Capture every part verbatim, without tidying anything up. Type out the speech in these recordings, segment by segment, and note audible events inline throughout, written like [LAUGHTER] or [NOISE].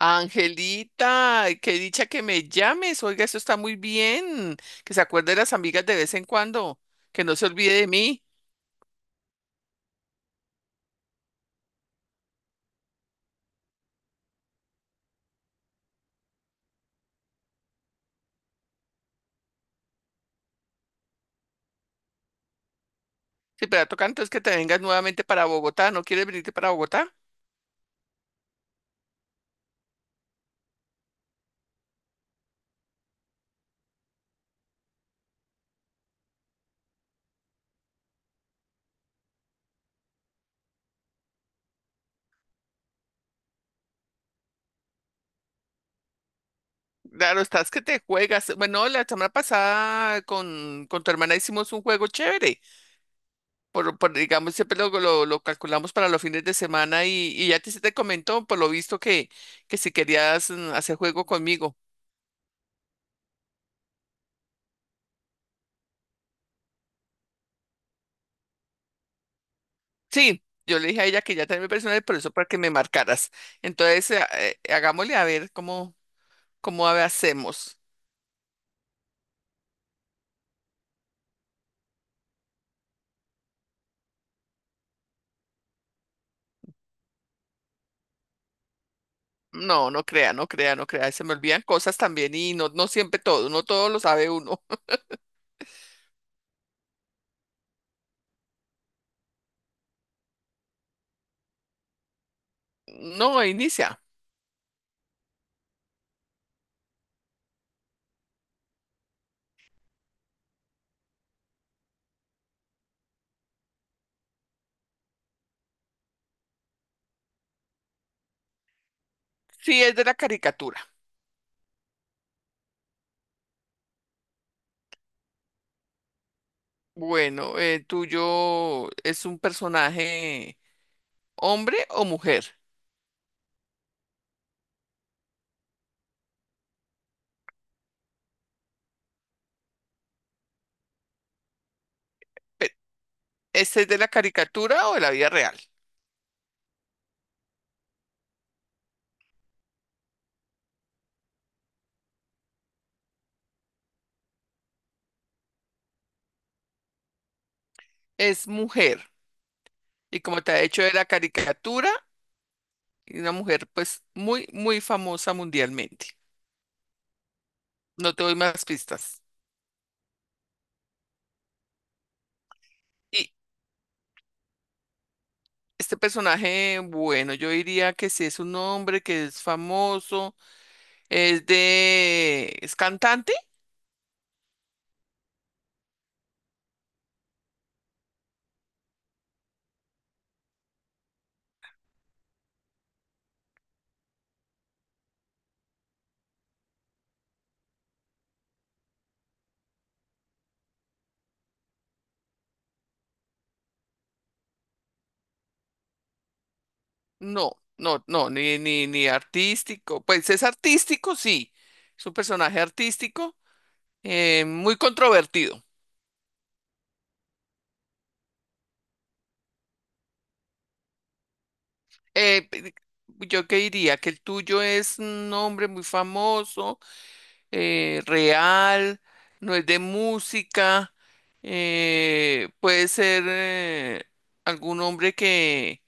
Angelita, qué dicha que me llames. Oiga, eso está muy bien. Que se acuerde de las amigas de vez en cuando. Que no se olvide de mí. Si te va a tocar, entonces que te vengas nuevamente para Bogotá. ¿No quieres venirte para Bogotá? Claro, estás que te juegas. Bueno, la semana pasada con, con tu hermana hicimos un juego chévere. Por, por, digamos, siempre lo, lo, lo calculamos para los fines de semana y, y ya te, se te comentó, por lo visto, que, que si querías mm, hacer juego conmigo. Sí, yo le dije a ella que ya tenía mi personal, por eso para que me marcaras. Entonces, eh, eh, eh, hagámosle a ver cómo, cómo a- hacemos. No, no crea, no crea, no crea. Se me olvidan cosas también y no, no siempre todo, no todo lo sabe uno. [LAUGHS] No, inicia. Sí, es de la caricatura. Bueno, eh, ¿tuyo es un personaje hombre o mujer? Pe- ¿Este es de la caricatura o de la vida real? Es mujer. Y como te ha hecho de la caricatura, y una mujer pues muy, muy famosa mundialmente. No te doy más pistas. Y este personaje, bueno, yo diría que si es un hombre que es famoso, es de... ¿Es cantante? No, no, no, ni, ni, ni artístico. Pues es artístico, sí. Es un personaje artístico, eh, muy controvertido. Eh, pe- yo que diría que el tuyo es un hombre muy famoso, eh, real, no es de música, eh, puede ser eh, algún hombre que...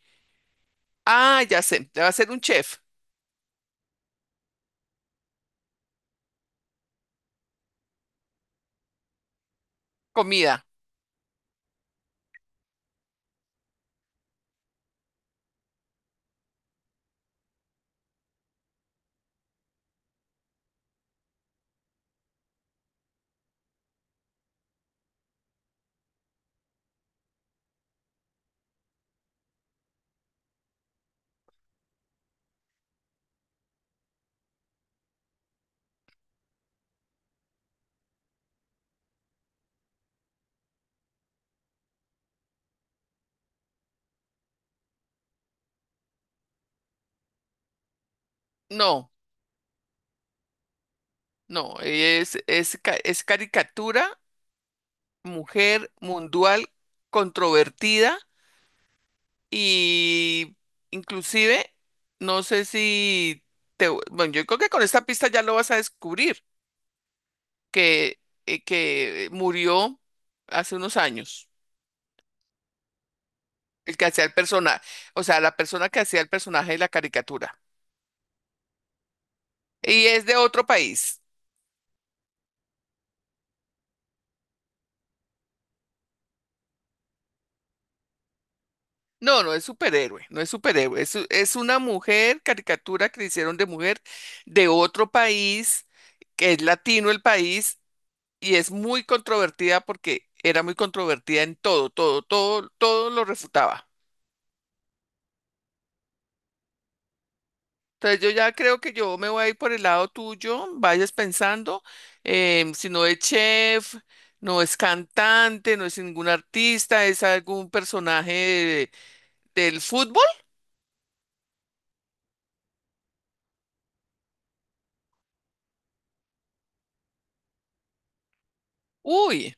Ah, ya sé, va a ser un chef, comida. No, no, es, es, ca- es caricatura, mujer mundial, controvertida y inclusive, no sé si... Te, bueno, yo creo que con esta pista ya lo vas a descubrir, que, eh, que murió hace unos años. El que hacía el personaje, o sea, la persona que hacía el personaje de la caricatura. Y es de otro país. No, no es superhéroe, no es superhéroe. Es, u- es una mujer, caricatura que le hicieron de mujer de otro país, que es latino el país, y es muy controvertida porque era muy controvertida en todo, todo, todo, todo lo refutaba. Entonces yo ya creo que yo me voy a ir por el lado tuyo, vayas pensando, em, si no es chef, no es cantante, no es ningún artista, es algún personaje de- del fútbol, uy,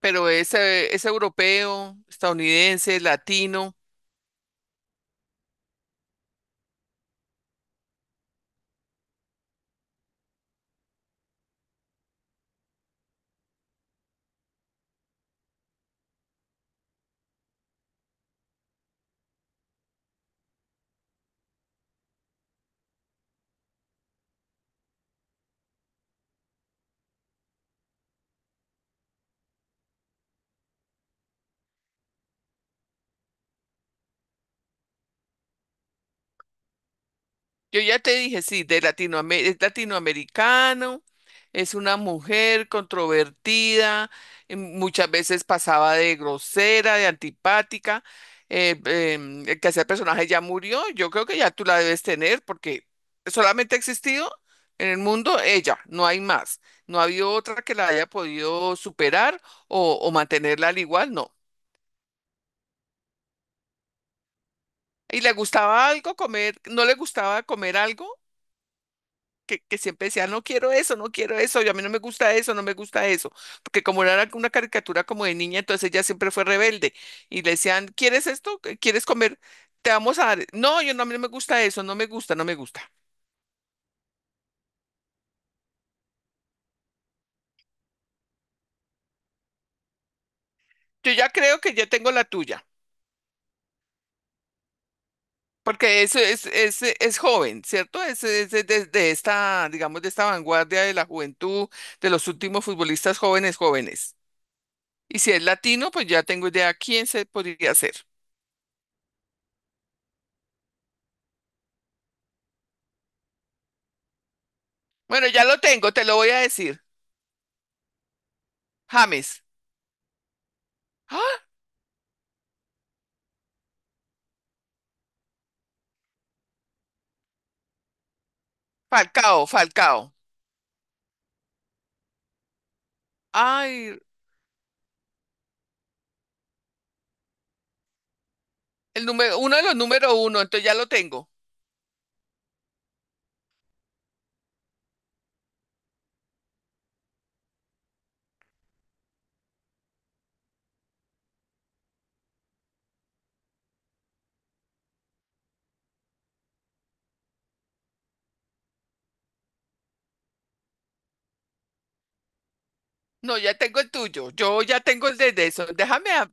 pero es, eh, es europeo, estadounidense, latino. Yo ya te dije, sí, de Latinoame- es latinoamericano, es una mujer controvertida, eh, muchas veces pasaba de grosera, de antipática. Eh, em, el que hacía el personaje ya murió, yo creo que ya tú la debes tener porque solamente ha existido en el mundo ella, no hay más. No ha habido otra que la haya podido superar o, o mantenerla al igual, no. ¿Y le gustaba algo comer? ¿No le gustaba comer algo? que, que siempre decía, no quiero eso, no quiero eso, yo a mí no me gusta eso, no me gusta eso, porque como era una caricatura como de niña, entonces ella siempre fue rebelde y le decían, ¿quieres esto? ¿Quieres comer? Te vamos a dar, no, yo no, a mí no me gusta eso, no me gusta, no me gusta. Yo ya creo que ya tengo la tuya, porque eso es, es, es joven, ¿cierto? Es, es de, de- de esta, digamos, de esta vanguardia de la juventud, de los últimos futbolistas jóvenes, jóvenes. Y si es latino, pues ya tengo idea quién se podría ser. Bueno, ya lo tengo, te lo voy a decir. James. ¡Ah! Falcao, Falcao. Ay, el número, uno de los número uno, entonces ya lo tengo. No, ya tengo el tuyo. Yo ya tengo el de de eso. Déjame. A-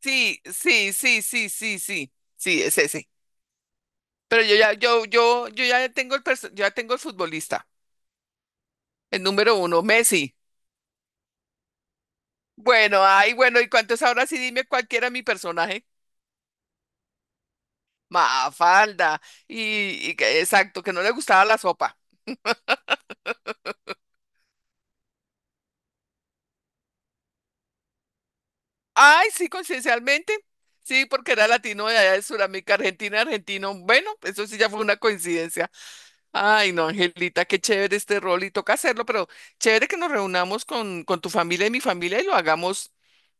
Sí, sí, sí, sí, sí, sí. Sí, es ese. Pero yo ya, yo, yo, yo ya tengo el perso- yo ya tengo el futbolista. El número uno, Messi. Bueno, ay, bueno, ¿y cuántos ahora sí dime cuál era mi personaje? Mafalda. Y, y que- exacto, que no le gustaba la sopa. Ay, sí, coincidencialmente. Sí, porque era latino de allá de Sudamérica, Argentina, argentino. Bueno, eso sí ya fue una coincidencia. Ay, no, Angelita, qué chévere este rol y toca hacerlo, pero chévere que nos reunamos con, con tu familia y mi familia y lo hagamos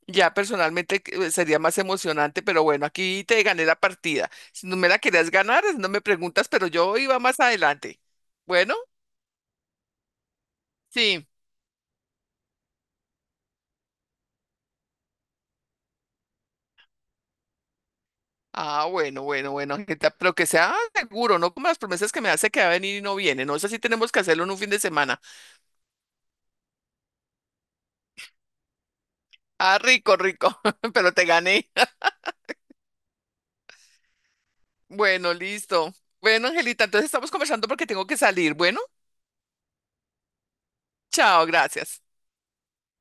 ya personalmente, que, eh, sería más emocionante, pero bueno, aquí te gané la partida. Si no me la querías ganar, no me preguntas, pero yo iba más adelante. Bueno, sí. Ah, bueno, bueno, bueno, Angelita, pero que sea seguro, no como las promesas que me hace que va a venir y no viene. No sé si tenemos que hacerlo en un fin de semana. Ah, rico, rico, [LAUGHS] pero te gané. [LAUGHS] Bueno, listo. Bueno, Angelita, entonces estamos conversando porque tengo que salir. Bueno, chao, gracias.